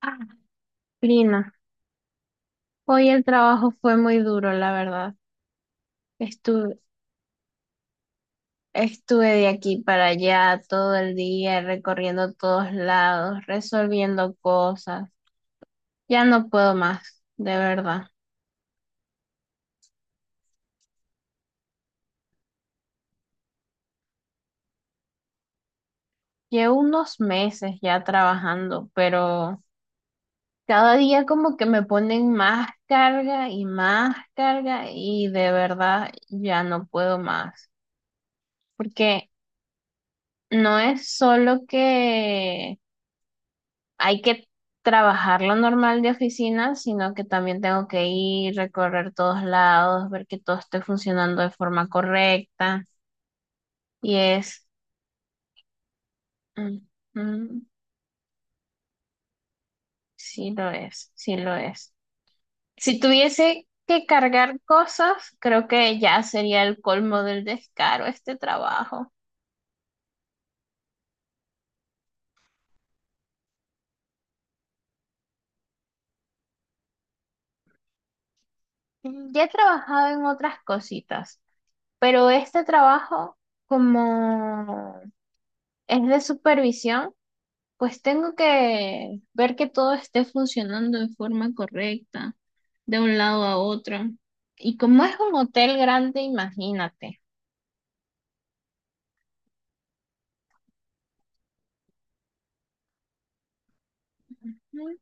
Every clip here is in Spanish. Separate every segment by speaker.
Speaker 1: Ah, prima, hoy el trabajo fue muy duro, la verdad. Estuve, Estuve de aquí para allá todo el día, recorriendo todos lados, resolviendo cosas. Ya no puedo más, de verdad. Llevo unos meses ya trabajando, pero cada día como que me ponen más carga y de verdad ya no puedo más. Porque no es solo que hay que trabajar lo normal de oficina, sino que también tengo que ir, recorrer todos lados, ver que todo esté funcionando de forma correcta. Y es, mm, mm, sí lo es, sí lo es. Si tuviese que cargar cosas, creo que ya sería el colmo del descaro este trabajo. Ya he trabajado en otras cositas, pero este trabajo como es de supervisión, pues tengo que ver que todo esté funcionando de forma correcta, de un lado a otro. Y como es un hotel grande, imagínate. Mm.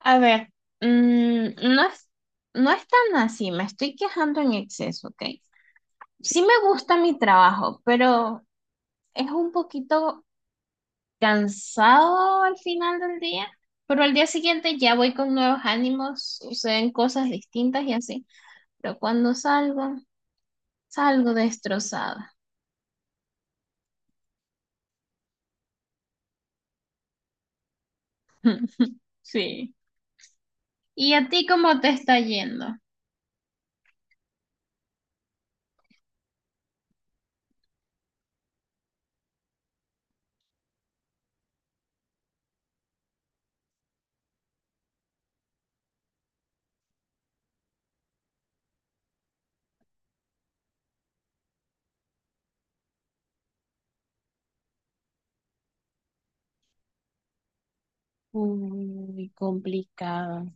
Speaker 1: A ver, mm, no es, no es tan así, me estoy quejando en exceso, ¿ok? Sí me gusta mi trabajo, pero es un poquito cansado al final del día. Pero al día siguiente ya voy con nuevos ánimos, suceden cosas distintas y así. Pero cuando salgo, salgo destrozada. Sí. ¿Y a ti cómo te está yendo? Muy complicado.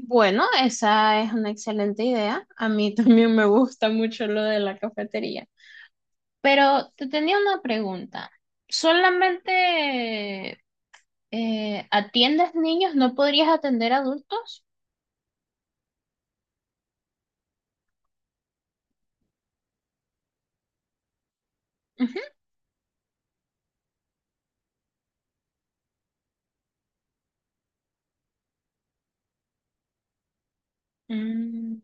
Speaker 1: Bueno, esa es una excelente idea. A mí también me gusta mucho lo de la cafetería. Pero te tenía una pregunta. ¿Solamente atiendes niños? ¿No podrías atender adultos? Ujú. Mm,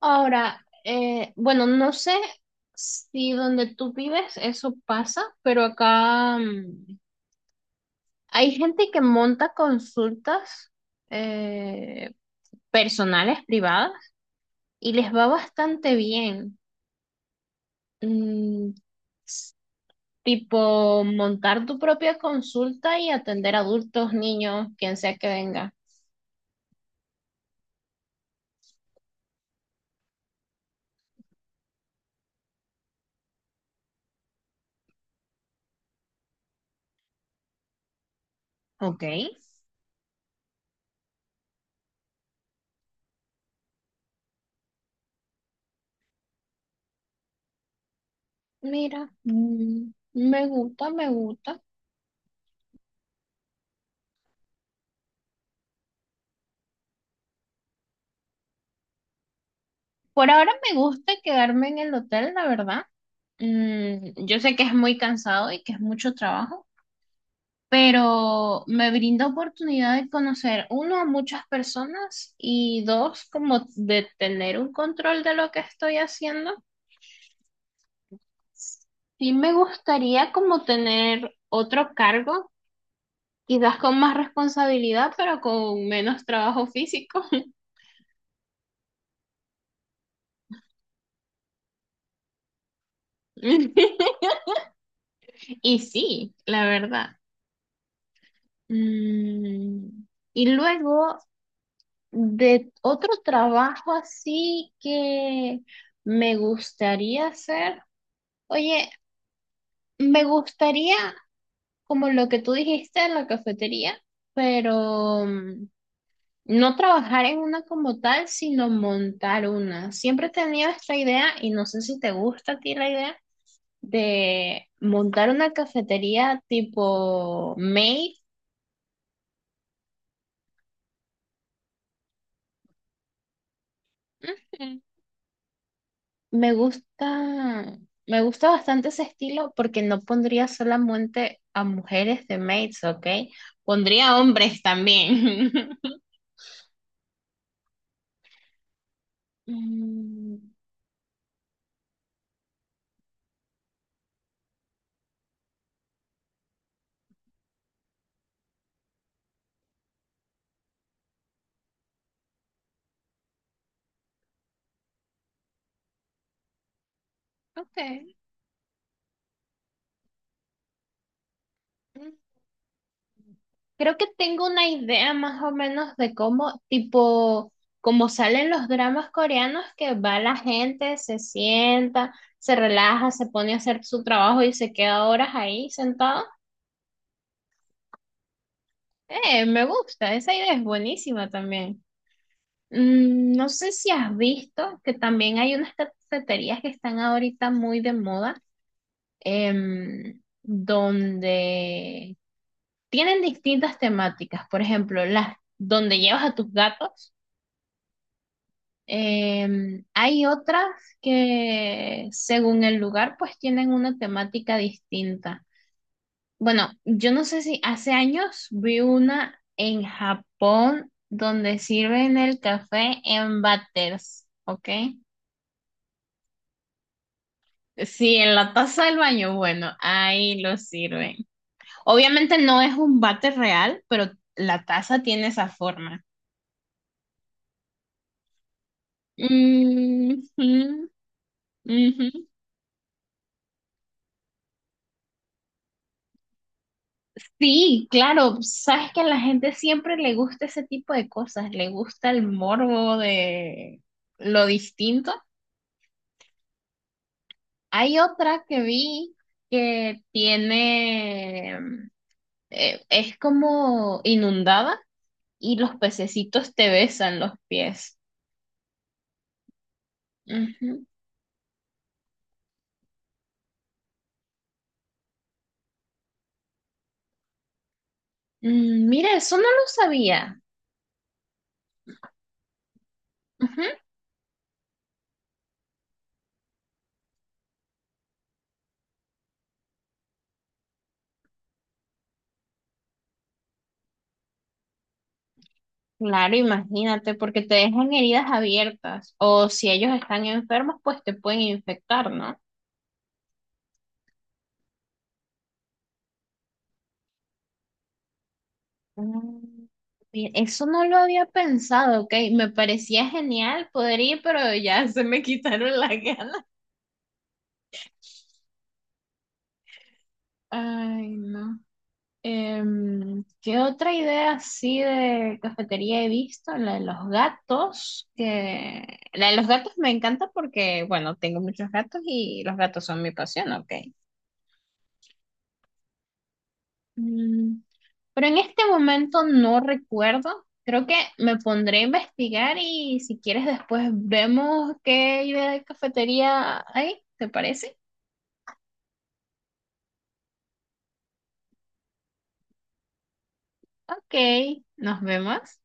Speaker 1: Ahora, bueno, no sé si donde tú vives eso pasa, pero acá hay gente que monta consultas eh, personales, privadas, y les va bastante bien. Mm, Tipo, montar tu propia consulta y atender adultos, niños, quien sea que venga. Ok. Mira, me gusta, me gusta. Por ahora me gusta quedarme en el hotel, la verdad. Yo sé que es muy cansado y que es mucho trabajo. Pero me brindó oportunidad de conocer, uno, a muchas personas y dos, como de tener un control de lo que estoy haciendo. Sí me gustaría como tener otro cargo, quizás con más responsabilidad, pero con menos trabajo físico. Y sí, la verdad. Mm, Y luego de otro trabajo así que me gustaría hacer. Oye, me gustaría, como lo que tú dijiste en la cafetería, pero mm, no trabajar en una como tal, sino montar una. Siempre he tenido esta idea, y no sé si te gusta a ti la idea, de montar una cafetería tipo maid. Ujú. Me gusta, me gusta bastante ese estilo porque no pondría solamente a mujeres de maids, ¿ok? Pondría hombres también. Mm, ok. Creo que tengo una idea más o menos de cómo, tipo, como salen los dramas coreanos, que va la gente, se sienta, se relaja, se pone a hacer su trabajo y se queda horas ahí sentado. Me gusta, esa idea es buenísima también. No sé si has visto que también hay unas cafeterías que están ahorita muy de moda, em, donde tienen distintas temáticas. Por ejemplo, las donde llevas a tus gatos. Em, hay otras que, según el lugar, pues tienen una temática distinta. Bueno, yo no sé si hace años vi una en Japón donde sirven el café en váteres, ¿ok? Sí, en la taza del baño, bueno, ahí lo sirven. Obviamente no es un váter real, pero la taza tiene esa forma. Mm, ujú, ujú. Sí, claro, sabes que a la gente siempre le gusta ese tipo de cosas, le gusta el morbo de lo distinto. Hay otra que vi que tiene, es como inundada y los pececitos te besan los pies. Ujú. Mm, mira, eso no lo sabía. Ujú. Claro, imagínate, porque te dejan heridas abiertas o si ellos están enfermos, pues te pueden infectar, ¿no? Mm, mira, eso no lo había pensado, ok. Me parecía genial poder ir, pero ya se me quitaron las ganas. Ay, no. Em, ¿qué otra idea así de cafetería he visto? La de los gatos, que la de los gatos me encanta porque, bueno, tengo muchos gatos y los gatos son mi pasión, ok. Mm, Pero en este momento no recuerdo. Creo que me pondré a investigar y si quieres después vemos qué idea de cafetería hay. ¿Te parece? Ok, nos vemos.